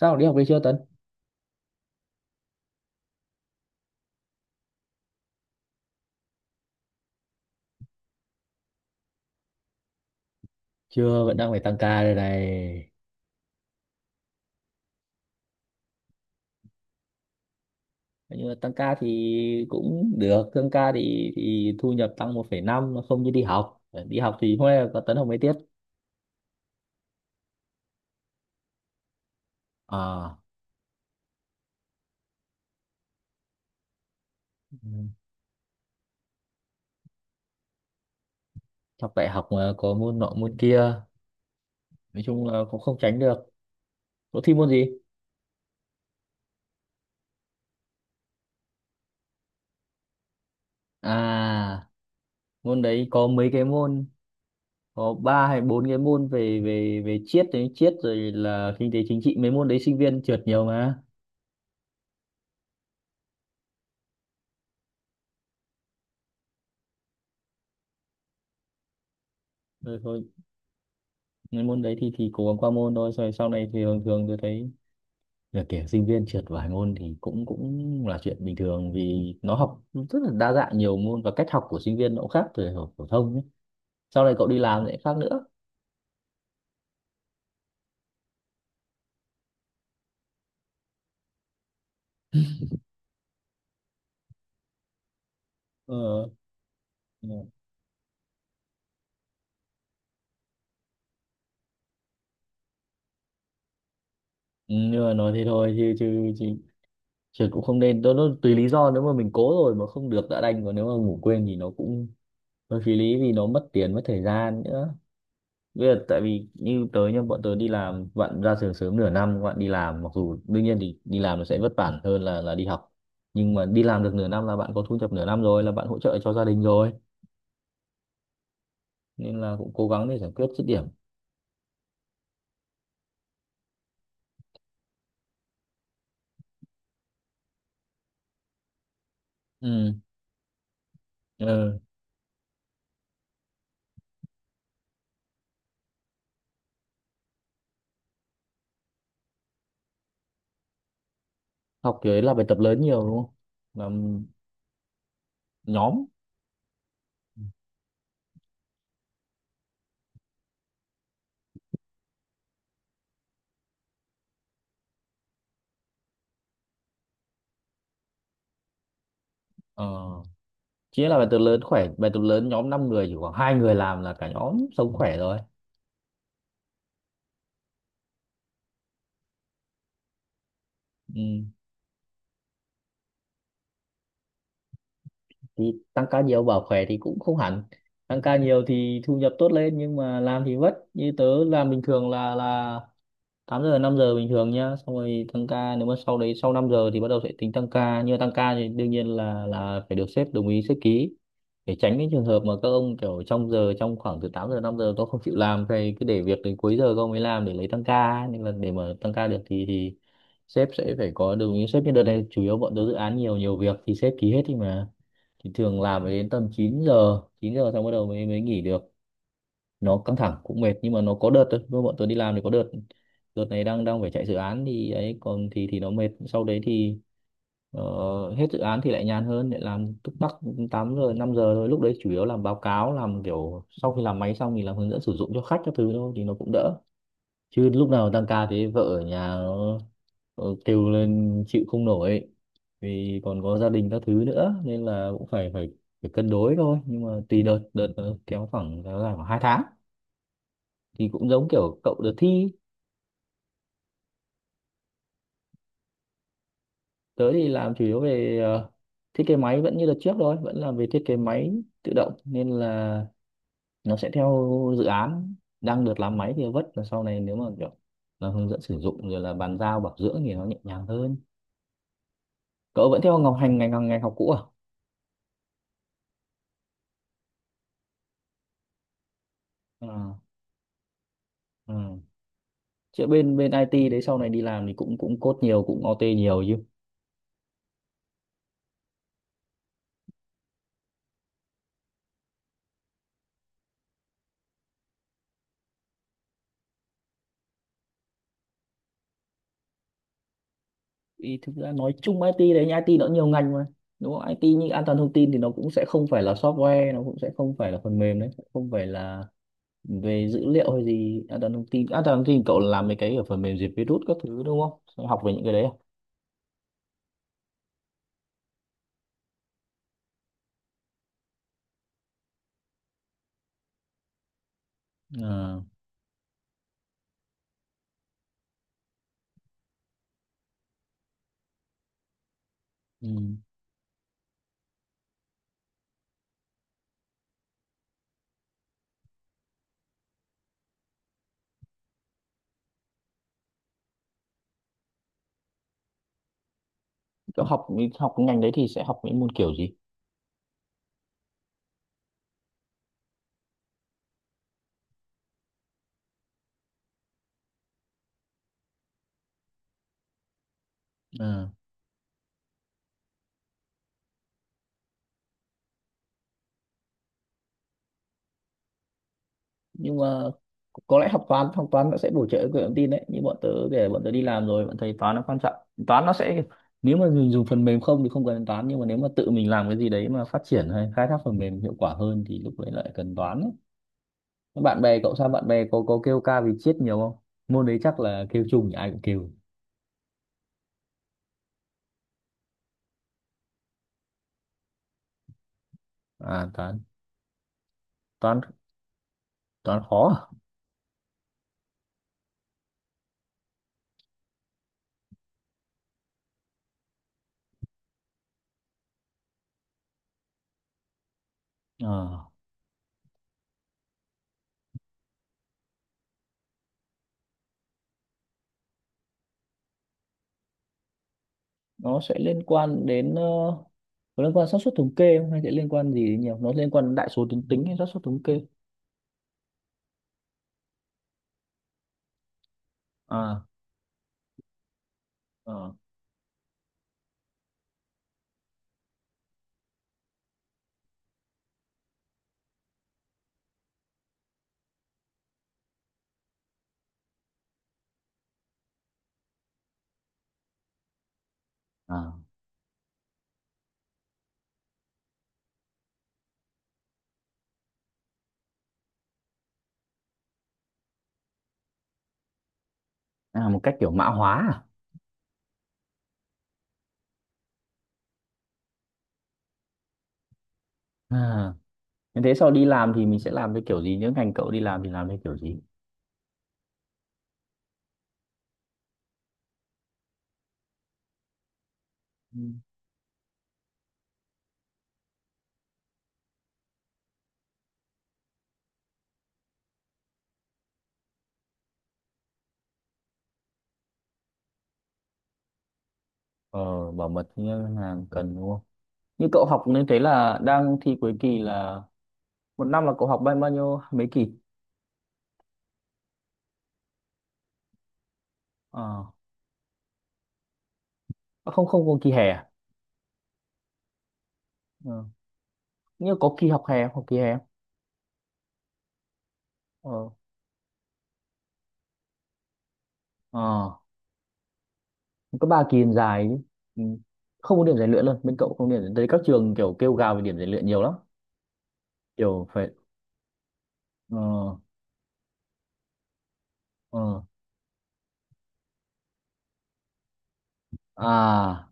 Sao đi học về chưa, Tấn? Chưa, vẫn đang phải tăng ca đây này. Nhưng mà tăng ca thì cũng được, tăng ca thì thu nhập tăng 1,5, nó không như đi học. Đi học thì hôm nay là có Tấn học mấy tiết? À. Ừ, học đại học mà có môn nọ môn kia, nói chung là cũng không tránh được. Có thi môn gì? À, môn đấy có mấy cái môn? Có ba hay bốn cái môn về về về triết đấy, triết rồi là kinh tế chính trị, mấy môn đấy sinh viên trượt nhiều mà. Rồi thôi, mấy môn đấy thì cố gắng qua môn thôi. Rồi sau này thì thường thường tôi thấy là kiểu sinh viên trượt vài môn thì cũng cũng là chuyện bình thường, vì nó học rất là đa dạng nhiều môn, và cách học của sinh viên nó cũng khác từ học phổ thông nhé. Sau này cậu đi làm lại khác nữa. Ờ. Ừ. Nhưng mà nói thế thôi chứ chứ, chứ trượt cũng không nên. Nó tùy lý do, nếu mà mình cố rồi mà không được đã đành, còn nếu mà ngủ quên thì nó cũng hơi phí lý vì nó mất tiền mất thời gian nữa. Bây giờ tại vì như tớ, nhưng bọn tớ đi làm, bạn ra trường sớm nửa năm, các bạn đi làm, mặc dù đương nhiên thì đi làm nó sẽ vất vả hơn là đi học, nhưng mà đi làm được nửa năm là bạn có thu nhập nửa năm rồi, là bạn hỗ trợ cho gia đình rồi, nên là cũng cố gắng để giải quyết dứt điểm. Ừ. Ừ. Học thì ấy là bài tập lớn nhiều đúng không? Làm nhóm? Ờ. Chỉ là bài tập lớn khỏe, bài tập lớn nhóm 5 người chỉ khoảng hai người làm là cả nhóm sống khỏe rồi. Ừ. Thì tăng ca nhiều bảo khỏe thì cũng không hẳn. Tăng ca nhiều thì thu nhập tốt lên, nhưng mà làm thì vất. Như tớ làm bình thường là 8 giờ 5 giờ bình thường nhá, xong rồi tăng ca. Nếu mà sau đấy, sau 5 giờ thì bắt đầu sẽ tính tăng ca. Nhưng mà tăng ca thì đương nhiên là phải được sếp đồng ý, sếp ký, để tránh cái trường hợp mà các ông kiểu trong giờ, trong khoảng từ 8 giờ 5 giờ tôi không chịu làm, thì cứ để việc đến cuối giờ các ông mới làm để lấy tăng ca ấy. Nên là để mà tăng ca được thì sếp sẽ phải có đồng ý sếp. Như đợt này chủ yếu bọn tớ dự án nhiều, nhiều việc thì sếp ký hết đi mà, thì thường làm phải đến tầm 9 giờ. Chín giờ xong bắt đầu mới mới nghỉ được. Nó căng thẳng cũng mệt, nhưng mà nó có đợt thôi. Lúc bọn tôi đi làm thì có đợt, đợt này đang đang phải chạy dự án thì ấy, còn thì nó mệt. Sau đấy thì ờ, hết dự án thì lại nhàn hơn, lại làm túc tắc 8 giờ 5 giờ thôi. Lúc đấy chủ yếu làm báo cáo, làm kiểu sau khi làm máy xong thì làm hướng dẫn sử dụng cho khách các thứ thôi, thì nó cũng đỡ. Chứ lúc nào tăng ca thế vợ ở nhà nó kêu lên chịu không nổi. Vì còn có gia đình các thứ nữa nên là cũng phải phải phải cân đối thôi. Nhưng mà tùy đợt, đợt nó kéo dài khoảng 2 tháng, thì cũng giống kiểu cậu đợt thi. Tới thì làm chủ yếu về thiết kế máy, vẫn như đợt trước thôi, vẫn làm về thiết kế máy tự động, nên là nó sẽ theo dự án. Đang được làm máy thì vất, là sau này nếu mà kiểu là hướng dẫn sử dụng rồi là bàn giao bảo dưỡng thì nó nhẹ nhàng hơn. Cậu vẫn theo ngọc hành ngành ngành học cũ à? À. À. Chứ bên bên IT đấy sau này đi làm thì cũng cũng code nhiều, cũng OT nhiều chứ? Ý, thực ra nói chung IT đấy, nhưng IT nó nhiều ngành mà đúng không? IT như an toàn thông tin thì nó cũng sẽ không phải là software, nó cũng sẽ không phải là phần mềm đấy, không phải là về dữ liệu hay gì. An toàn thông tin, an toàn thông tin cậu làm mấy cái ở phần mềm diệt virus các thứ đúng không, sẽ học về những cái đấy à? À. Ừ. cậu học Học cái ngành đấy thì sẽ học những môn kiểu gì? À. Nhưng mà có lẽ học toán, học toán nó sẽ bổ trợ công nghệ thông tin đấy. Như bọn tớ để bọn tớ đi làm rồi, bọn thấy toán nó quan trọng. Toán nó sẽ, nếu mà dùng phần mềm không thì không cần đến toán, nhưng mà nếu mà tự mình làm cái gì đấy mà phát triển hay khai thác phần mềm hiệu quả hơn thì lúc đấy lại cần toán ấy. Thế bạn bè cậu sao, bạn bè có kêu ca vì triết nhiều không? Môn đấy chắc là kêu chung, ai cũng kêu. À, toán, toán, toán khó. À. À, nó sẽ liên quan đến có liên quan xác suất thống kê không, hay sẽ liên quan gì đến nhiều, nó liên quan đến đại số tuyến tính hay xác suất thống kê? À. À. À. À, một cách kiểu mã hóa. À? À, như thế sau đi làm thì mình sẽ làm với kiểu gì? Nếu ngành cậu đi làm thì làm với kiểu gì? Ừ. Ờ, bảo mật thì ngân hàng cần đúng không? Như cậu học nên thế là đang thi cuối kỳ, là một năm là cậu học bao bao nhiêu mấy kỳ? Ờ. À, không không có kỳ hè à? Ờ, như có kỳ học hè không? Học kỳ hè không? Ờ, ờ, có ba kỳ dài chứ. Ừ. Không có điểm rèn luyện luôn, bên cậu không điểm rèn luyện. Các trường kiểu kêu gào về điểm rèn luyện nhiều lắm. Kiểu phải, ờ, ờ, à,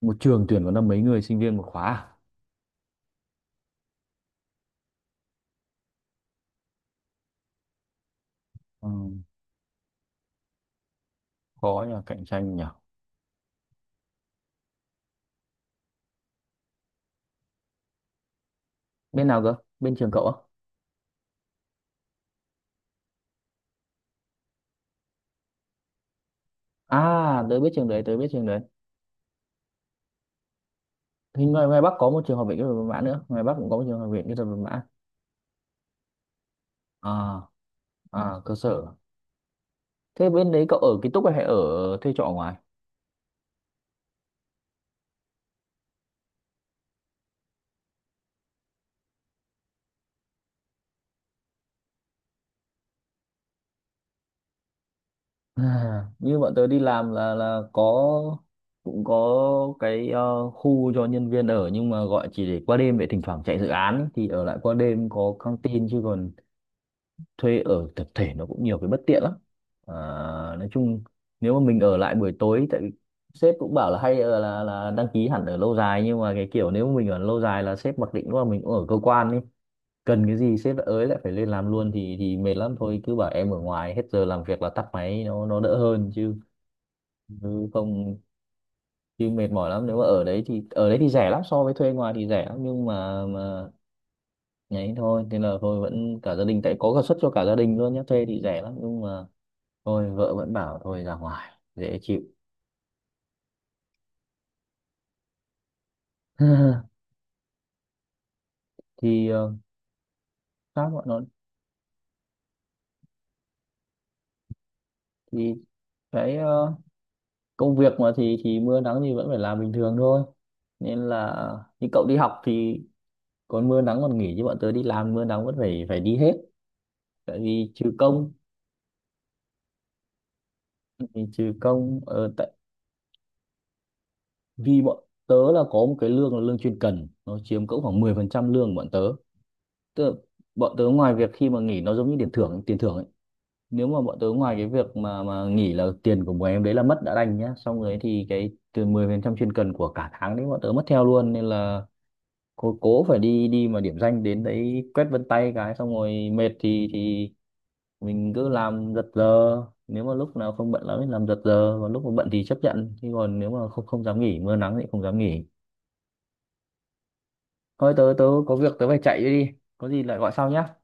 một trường tuyển có năm mấy người sinh viên một khóa à? Ừ, khó nhờ, cạnh tranh nhỉ. Bên nào cơ? Bên trường cậu á? À, tớ biết trường đấy, tớ biết trường đấy. Thì ngoài Bắc có một trường học viện kỹ thuật Văn mã nữa, ngoài Bắc cũng có một trường học viện kỹ thuật Văn mã. À. À, cơ sở. Thế bên đấy cậu ở ký túc hay ở thuê trọ ngoài? À, như bọn tớ đi làm là có, cũng có cái khu cho nhân viên ở, nhưng mà gọi chỉ để qua đêm, để thỉnh thoảng chạy dự án ấy, thì ở lại qua đêm có căng tin. Chứ còn thuê ở tập thể nó cũng nhiều cái bất tiện lắm. À, nói chung nếu mà mình ở lại buổi tối, tại vì sếp cũng bảo là hay là đăng ký hẳn ở lâu dài. Nhưng mà cái kiểu nếu mà mình ở lâu dài là sếp mặc định là mình cũng ở cơ quan đi, cần cái gì sếp lại ới lại phải lên làm luôn, thì mệt lắm. Thôi cứ bảo em ở ngoài, hết giờ làm việc là tắt máy, nó đỡ hơn chứ, chứ không, chứ mệt mỏi lắm nếu mà ở đấy. Thì ở đấy thì rẻ lắm so với thuê ngoài thì rẻ lắm, nhưng mà nhảy thôi, thế là thôi vẫn cả gia đình, tại có cả suất cho cả gia đình luôn nhé, thuê thì rẻ lắm nhưng mà thôi, vợ vẫn bảo thôi ra ngoài dễ chịu. Thì các bọn nó, thì cái công việc mà thì mưa nắng thì vẫn phải làm bình thường thôi. Nên là, như cậu đi học thì còn mưa nắng còn nghỉ, chứ bọn tớ đi làm mưa nắng vẫn phải phải đi hết. Tại vì trừ công, thì trừ công tại vì bọn tớ là có một cái lương là lương chuyên cần, nó chiếm cỡ khoảng 10% lương của bọn tớ. Tức là bọn tớ ngoài việc khi mà nghỉ, nó giống như tiền thưởng, tiền thưởng ấy. Nếu mà bọn tớ ngoài cái việc mà nghỉ là tiền của bọn em đấy là mất đã đành nhá, xong rồi thì cái từ 10% chuyên cần của cả tháng đấy bọn tớ mất theo luôn. Nên là cố cố phải đi, đi mà điểm danh, đến đấy quét vân tay cái xong rồi mệt thì mình cứ làm giật giờ. Nếu mà lúc nào không bận lắm thì làm giật giờ, còn lúc mà bận thì chấp nhận. Chứ còn nếu mà không không dám nghỉ, mưa nắng thì không dám nghỉ. Thôi tớ tớ có việc tớ phải chạy đi, có gì lại gọi sau nhá